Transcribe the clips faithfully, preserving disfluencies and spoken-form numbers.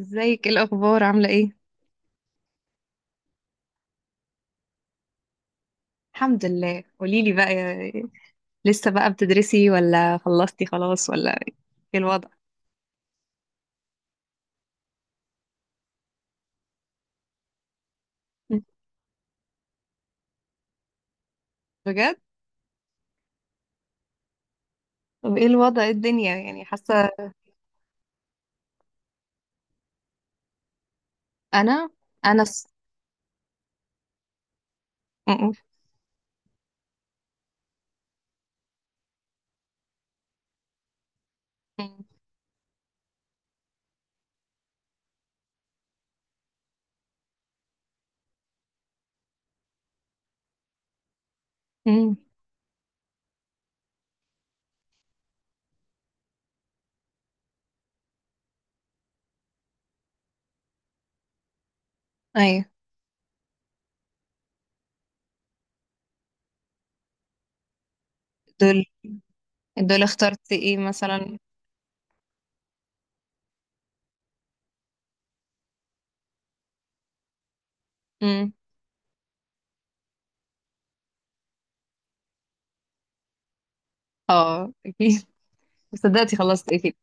ازيك، ايه الاخبار، عامله ايه؟ الحمد لله. قولي لي بقى يا- لسه بقى بتدرسي ولا خلصتي خلاص، ولا ايه الوضع؟ مم. بجد؟ طب ايه الوضع، إيه الدنيا يعني، حاسه؟ انا انا س... م- م- م- م. ايوه. دول، دول اخترت ايه مثلا؟ م. اه اكيد، صدقتي خلصت اكيد.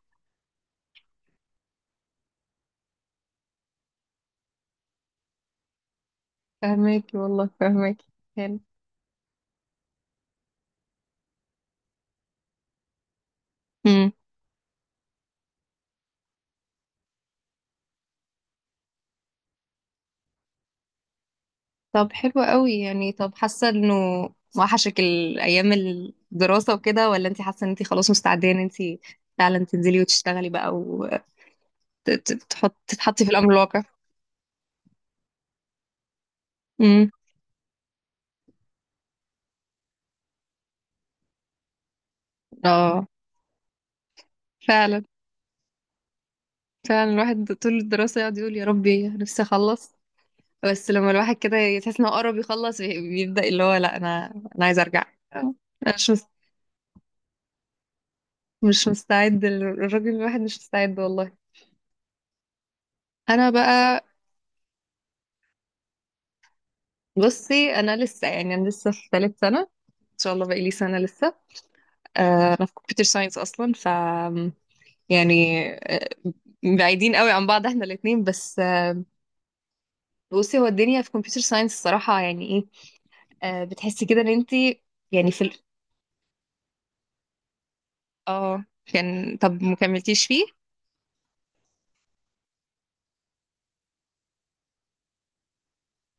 فهماكي والله فهماكي. حلو. طب حلو قوي يعني. طب حاسه انه وحشك الايام الدراسه وكده، ولا انت حاسه ان انت خلاص مستعده ان انت فعلا تنزلي وتشتغلي بقى، وتحط تتحطي في الامر الواقع؟ امم. اه فعلا، فعلا. الواحد طول الدراسه يقعد يقول يا ربي نفسي اخلص، بس لما الواحد كده يحس انه قرب يخلص بي- بيبدا اللي هو لا، انا انا عايز ارجع، انا مش مس- مش مستعد، الراجل الواحد مش مستعد والله. انا بقى، بصي انا لسه، يعني انا لسه في ثالث سنه، ان شاء الله بقالي سنة لسه. آه، انا في كمبيوتر ساينس اصلا، ف يعني آه، بعيدين قوي عن بعض احنا الاتنين. بس آه، بصي هو الدنيا في كمبيوتر ساينس الصراحة يعني ايه؟ آه، بتحسي كده ان انت يعني في ال... اه كان، طب ما كملتيش فيه؟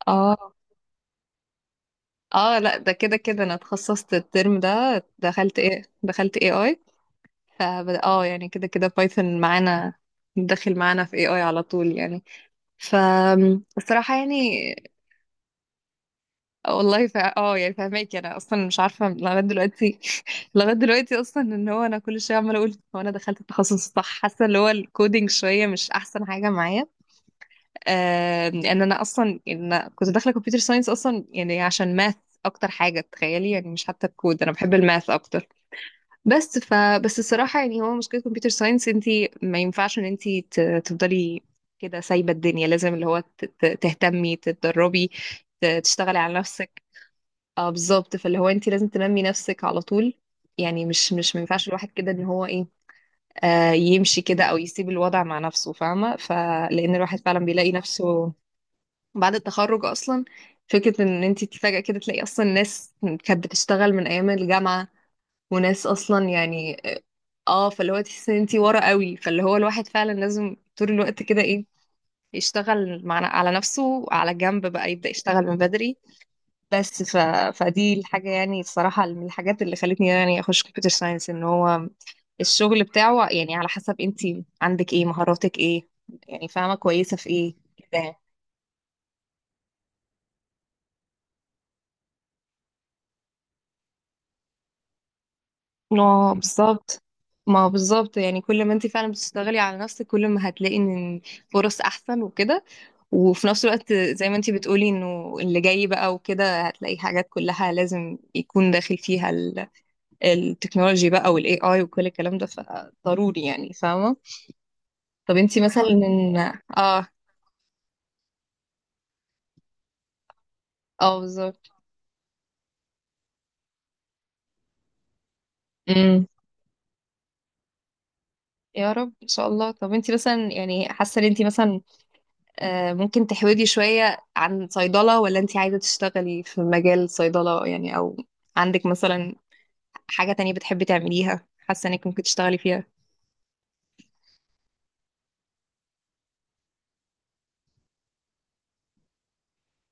اه. اه لا، ده كده كده انا اتخصصت الترم ده، دخلت ايه، دخلت اي اي. ف اه يعني كده كده بايثون معانا داخل معانا في اي اي على طول يعني. فالصراحة يعني، والله فا... اه يعني فاهماكي، انا اصلا مش عارفه لغايه دلوقتي لغايه دلوقتي اصلا ان هو انا كل شويه عماله اقول هو انا دخلت التخصص الصح، حاسه اللي هو الكودينج شويه مش احسن حاجه معايا. آه... لان انا اصلا إن كنت داخله كمبيوتر ساينس اصلا يعني عشان ماث، اكتر حاجه تخيلي، يعني مش حتى الكود، انا بحب الماث اكتر. بس ف بس الصراحه يعني، هو مشكله كمبيوتر ساينس، انت ما ينفعش ان انت ت... تفضلي كده سايبه الدنيا، لازم اللي هو ت... ت- تهتمي، تتدربي، ت- تشتغلي على نفسك. اه بالظبط، فاللي هو انت لازم تنمي نفسك على طول، يعني مش مش ما ينفعش الواحد كده ان هو ايه، آه يمشي كده او يسيب الوضع مع نفسه، فاهمه؟ فلان الواحد فعلا بيلاقي نفسه بعد التخرج اصلا، فكره ان انت فجاه كده تلاقي اصلا ناس كانت بتشتغل من ايام الجامعه، وناس اصلا يعني، اه فاللي هو تحس ان انت ورا قوي، فاللي هو الواحد فعلا لازم طول الوقت كده ايه، يشتغل مع على نفسه على جنب بقى، يبدأ يشتغل من بدري. بس ف... فدي الحاجة يعني، الصراحة من الحاجات اللي خلتني يعني أخش كمبيوتر ساينس، إن هو الشغل بتاعه يعني على حسب أنتي عندك إيه، مهاراتك إيه، يعني فاهمة كويسة في إيه كده. اه م. بالظبط، ما هو بالظبط، يعني كل ما أنتي فعلا بتشتغلي على نفسك كل ما هتلاقي إن فرص أحسن وكده، وفي نفس الوقت زي ما أنتي بتقولي إنه اللي جاي بقى وكده هتلاقي حاجات كلها لازم يكون داخل فيها ال... التكنولوجي بقى، وال A I وكل الكلام ده، فضروري يعني، فاهمة؟ طب انتي مثلا، اه. اه بالظبط. امم. يا رب ان شاء الله. طب انتي مثلا يعني حاسه ان انتي مثلا آه ممكن تحودي شويه عن صيدله، ولا انتي عايزه تشتغلي في مجال صيدله يعني، او عندك مثلا حاجه تانية بتحبي تعمليها حاسه انك ممكن تشتغلي فيها؟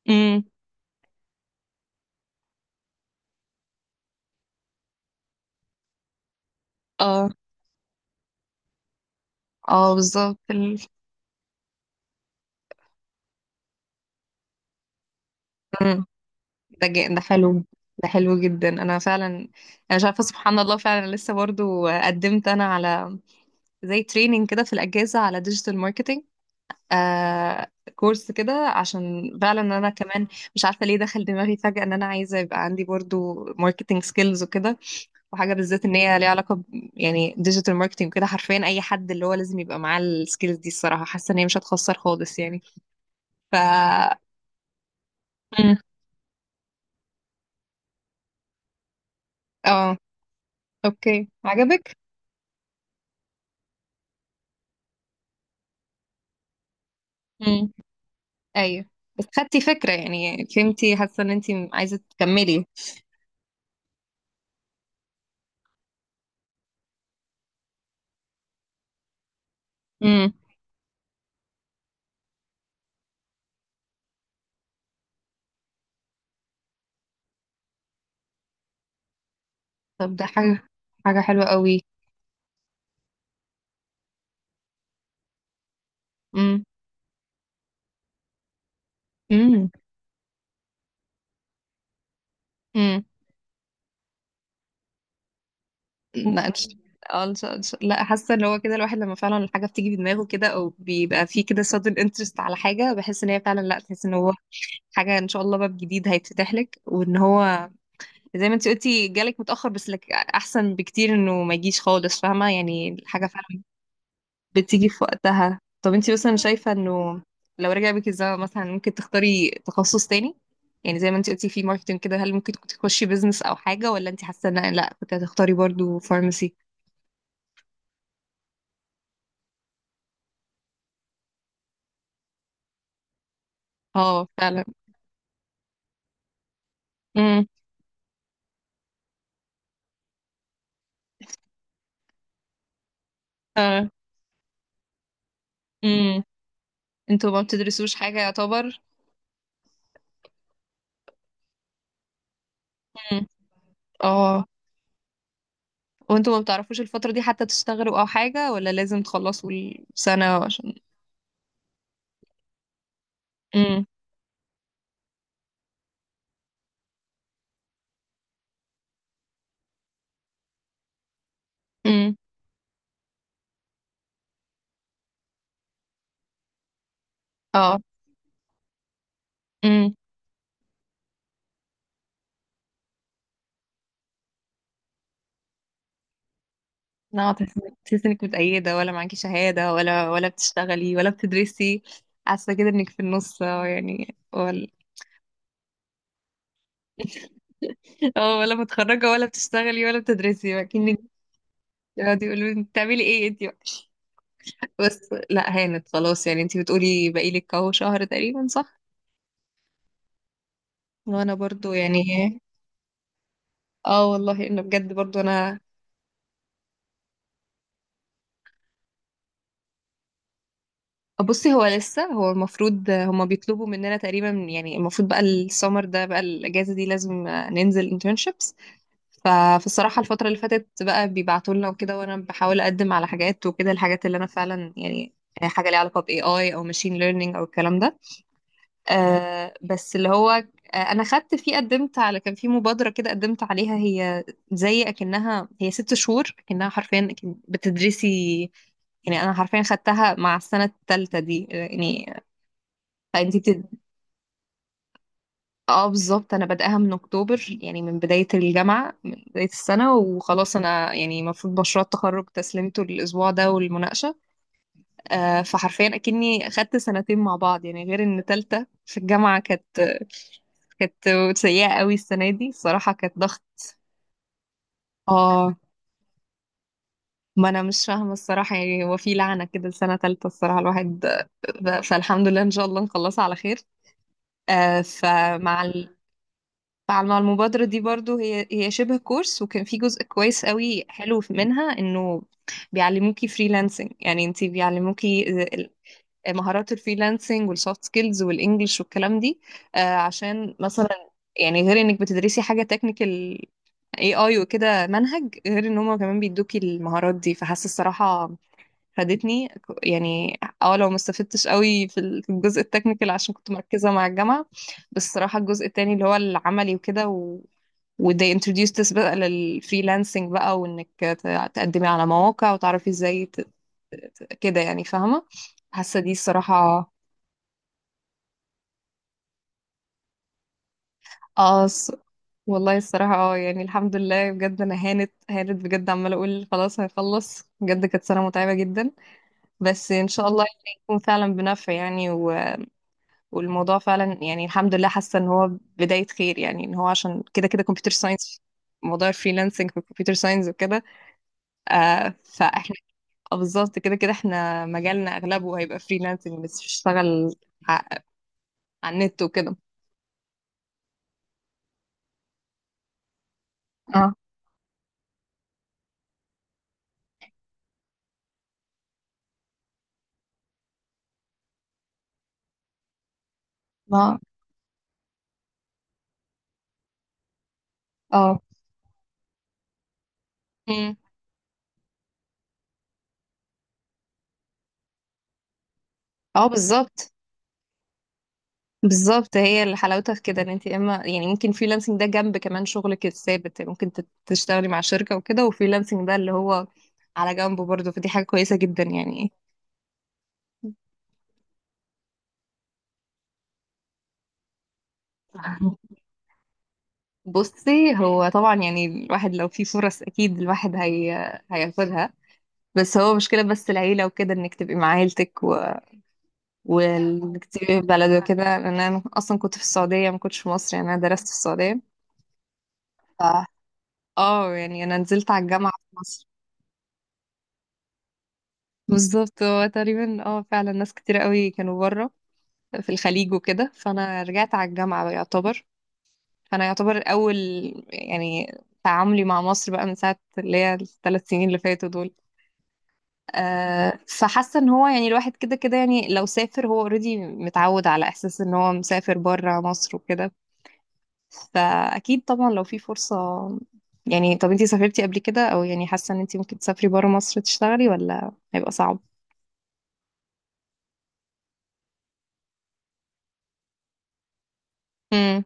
امم. اه. اه بالظبط ال- مم. ده جا- ده حلو، ده حلو جدا. انا فعلا انا مش عارفه، سبحان الله، فعلا لسه برضو قدمت انا على زي تريننج كده في الاجازه على ديجيتال ماركتنج، آه كورس كده، عشان فعلا انا كمان مش عارفه ليه دخل دماغي فجاه ان انا عايزه يبقى عندي برضو ماركتنج سكيلز وكده، وحاجه بالذات ان هي ليها علاقه ب يعني ديجيتال ماركتنج وكده. حرفيا اي حد اللي هو لازم يبقى معاه السكيلز دي الصراحه، حاسه ان هي مش هتخسر خالص يعني. ف مم. اه اوكي، عجبك. امم، ايوه. بس خدتي فكره يعني، فهمتي، حاسه ان انت عايزه تكملي. امم. طب ده حاجه، حاجه حلوه قوي. امم. امم. لا إن شاء- اه إن شاء- إن شاء- لا، حاسه ان هو كده الواحد لما فعلا الحاجه بتيجي في دماغه كده، او بيبقى فيه كده sudden interest على حاجه، بحس ان هي فعلا لا، تحس ان هو حاجه ان شاء الله باب جديد هيتفتح لك، وان هو زي ما انت قلتي جالك متاخر، بس لك احسن بكتير انه ما يجيش خالص، فاهمه يعني؟ الحاجه فعلا بتيجي في وقتها. طب انت مثلا شايفه انه لو رجع بك الزمن مثلا ممكن تختاري تخصص تاني؟ يعني زي ما انت قلتي في ماركتنج كده، هل ممكن كنت تخشي بيزنس او حاجه، ولا انت حاسه ان لا، كنت هتختاري برضو فارماسي؟ اه فعلا. امم. اه. امم. انتوا ما بتدرسوش حاجة يعتبر. امم. اه. وانتوا ما بتعرفوش الفترة دي حتى تشتغلوا او حاجة، ولا لازم تخلصوا السنة عشان؟ امم. امم. اه. امم. لا تحس، تحس انك متأيدة، ولا معاكي شهادة، ولا ولا بتشتغلي ولا بتدرسي، حاسة كده انك في النص اه يعني، ولا؟ اه، ولا متخرجة ولا بتشتغلي ولا بتدرسي، كأنك يقعدوا يقولوا انت بتعملي ايه انت بقى. بس لا، هانت خلاص يعني، انت بتقولي بقالك اهو شهر تقريبا صح؟ وانا برضو يعني، اه والله انه بجد برضو انا. بصي هو لسه، هو المفروض هما بيطلبوا مننا تقريبا، يعني المفروض بقى السمر ده بقى، الاجازه دي لازم ننزل internships. فالصراحه الفتره اللي فاتت بقى بيبعتوا لنا وكده، وانا بحاول اقدم على حاجات وكده، الحاجات اللي انا فعلا يعني حاجه ليها علاقه ب A I او machine learning او الكلام ده. آه بس اللي هو آه، انا خدت فيه، قدمت على، كان في مبادره كده قدمت عليها، هي زي اكنها، هي ست شهور، اكنها حرفيا أكن بتدرسي، يعني انا حرفيا خدتها مع السنه الثالثه دي يعني. فانتي بتد... اه بالظبط، انا بادئها من اكتوبر، يعني من بدايه الجامعه، من بدايه السنه، وخلاص انا يعني المفروض مشروع التخرج تسليمته الاسبوع ده والمناقشه. آه فحرفيا اكني خدت سنتين مع بعض يعني، غير ان ثالثه في الجامعه كانت كانت سيئه قوي، السنه دي الصراحه كانت ضغط. اه، ما انا مش فاهمه الصراحه يعني، هو في لعنه كده لسنه ثالثه الصراحه الواحد. ب- فالحمد لله ان شاء الله نخلصها على خير. آه، فمع ال... مع مع المبادرة دي برضو، هي هي شبه كورس، وكان في جزء كويس قوي حلو منها انه بيعلموكي فريلانسنج، يعني انتي بيعلموكي ال- مهارات الفريلانسنج والسوفت سكيلز والانجلش والكلام دي. آه، عشان مثلا يعني غير انك بتدرسي حاجة تكنيكال، اي اي وكده منهج، غير ان هما كمان بيدوكي المهارات دي، فحاسة الصراحة فادتني ك- يعني، اه لو ما استفدتش قوي في ال- في الجزء التكنيكال عشان كنت مركزة مع الجامعة، بس الصراحة الجزء التاني اللي هو العملي وكده و... و they introduced us بقى للفريلانسنج بقى، وانك ت- تقدمي على مواقع وتعرفي ازاي ت... كده يعني، فاهمة؟ حاسة دي الصراحة. اه الص- والله الصراحة اه يعني الحمد لله بجد، انا هانت هانت بجد، عمالة اقول خلاص هيخلص بجد، كانت سنة متعبة جدا، بس ان شاء الله يعني يكون فعلا بنفع يعني، والموضوع فعلا يعني الحمد لله. حاسه ان هو بدايه خير يعني، ان هو عشان كده كده كمبيوتر ساينس، موضوع الفريلانسنج في الكمبيوتر ساينس وكده، آه فاحنا آه، بالظبط كده كده احنا مجالنا اغلبه هيبقى فريلانسنج، بس بشتغل ع- على النت وكده. اه ما اه مم. اه بالظبط. بالظبط، هي اللي حلاوتها في كده، ان انت اما يعني ممكن فريلانسنج ده جنب كمان شغلك الثابت، يعني ممكن تت- تشتغلي مع شركه وكده، وفريلانسنج ده اللي هو على جنبه برضه، فدي حاجه كويسه جدا يعني. بصي هو طبعا يعني الواحد لو في فرص اكيد الواحد هي... هياخدها، بس هو مشكلة، بس العيلة وكده انك تبقي مع عيلتك و... وانك تبقي في بلد وكده، لان انا اصلا كنت في السعودية، ما كنتش في مصر، يعني انا درست في السعودية. ف اه يعني انا نزلت على الجامعة في مصر. بالظبط هو تقريبا، اه فعلا، ناس كتير قوي كانوا بره في الخليج وكده، فانا رجعت على الجامعة بقى يعتبر، فانا يعتبر اول يعني تعاملي مع مصر بقى من ساعة اللي هي الثلاث سنين اللي فاتوا دول. آه، فحاسه ان هو يعني الواحد كده كده يعني لو سافر، هو اوريدي متعود على احساس ان هو مسافر بره مصر وكده، فاكيد طبعا لو في فرصه يعني. طب انتي سافرتي قبل كده، او يعني حاسه ان انتي ممكن تسافري بره مصر تشتغلي، ولا هيبقى صعب؟ امم.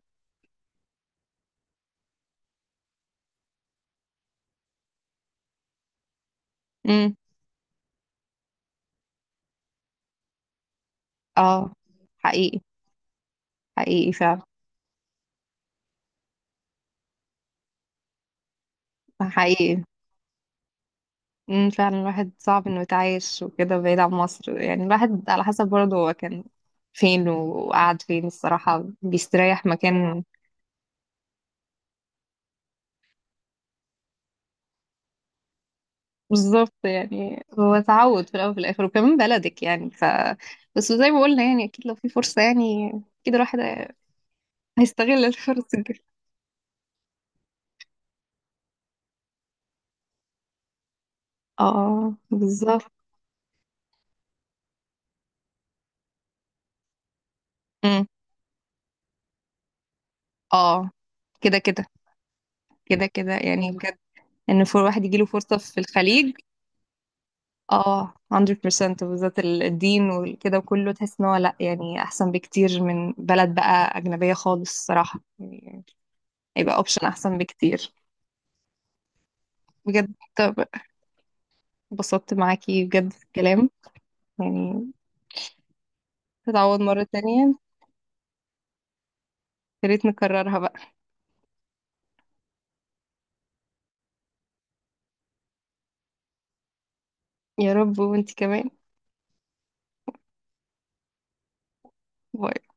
امم. اه. حقيقي، حقيقي فعلا. حقيقي. امم فعلا، الواحد صعب انه يتعايش وكده بعيد عن مصر، يعني الواحد على حسب برضه هو كان فين وقعد فين الصراحه بيستريح مكان. بالظبط، يعني هو تعود في الاول وفي الاخر، وكمان بلدك يعني، ف بس زي ما قلنا يعني اكيد لو في فرصه يعني، اكيد الواحد هيستغل الفرصه دي. اه بالظبط. أمم. اه. كده كده كده كده يعني بجد، ان فور واحد يجيله فرصه في الخليج، اه مية بالمية بالذات ال- الدين وكده وكله، تحس ان هو لا يعني احسن بكتير من بلد بقى اجنبيه خالص الصراحه يعني، هيبقى اوبشن احسن بكتير. بجد، طب اتبسطت معاكي بجد في الكلام يعني، تتعوض مرة تانية، يا ريت نكررها بقى. يا رب، وانتي كمان. باي.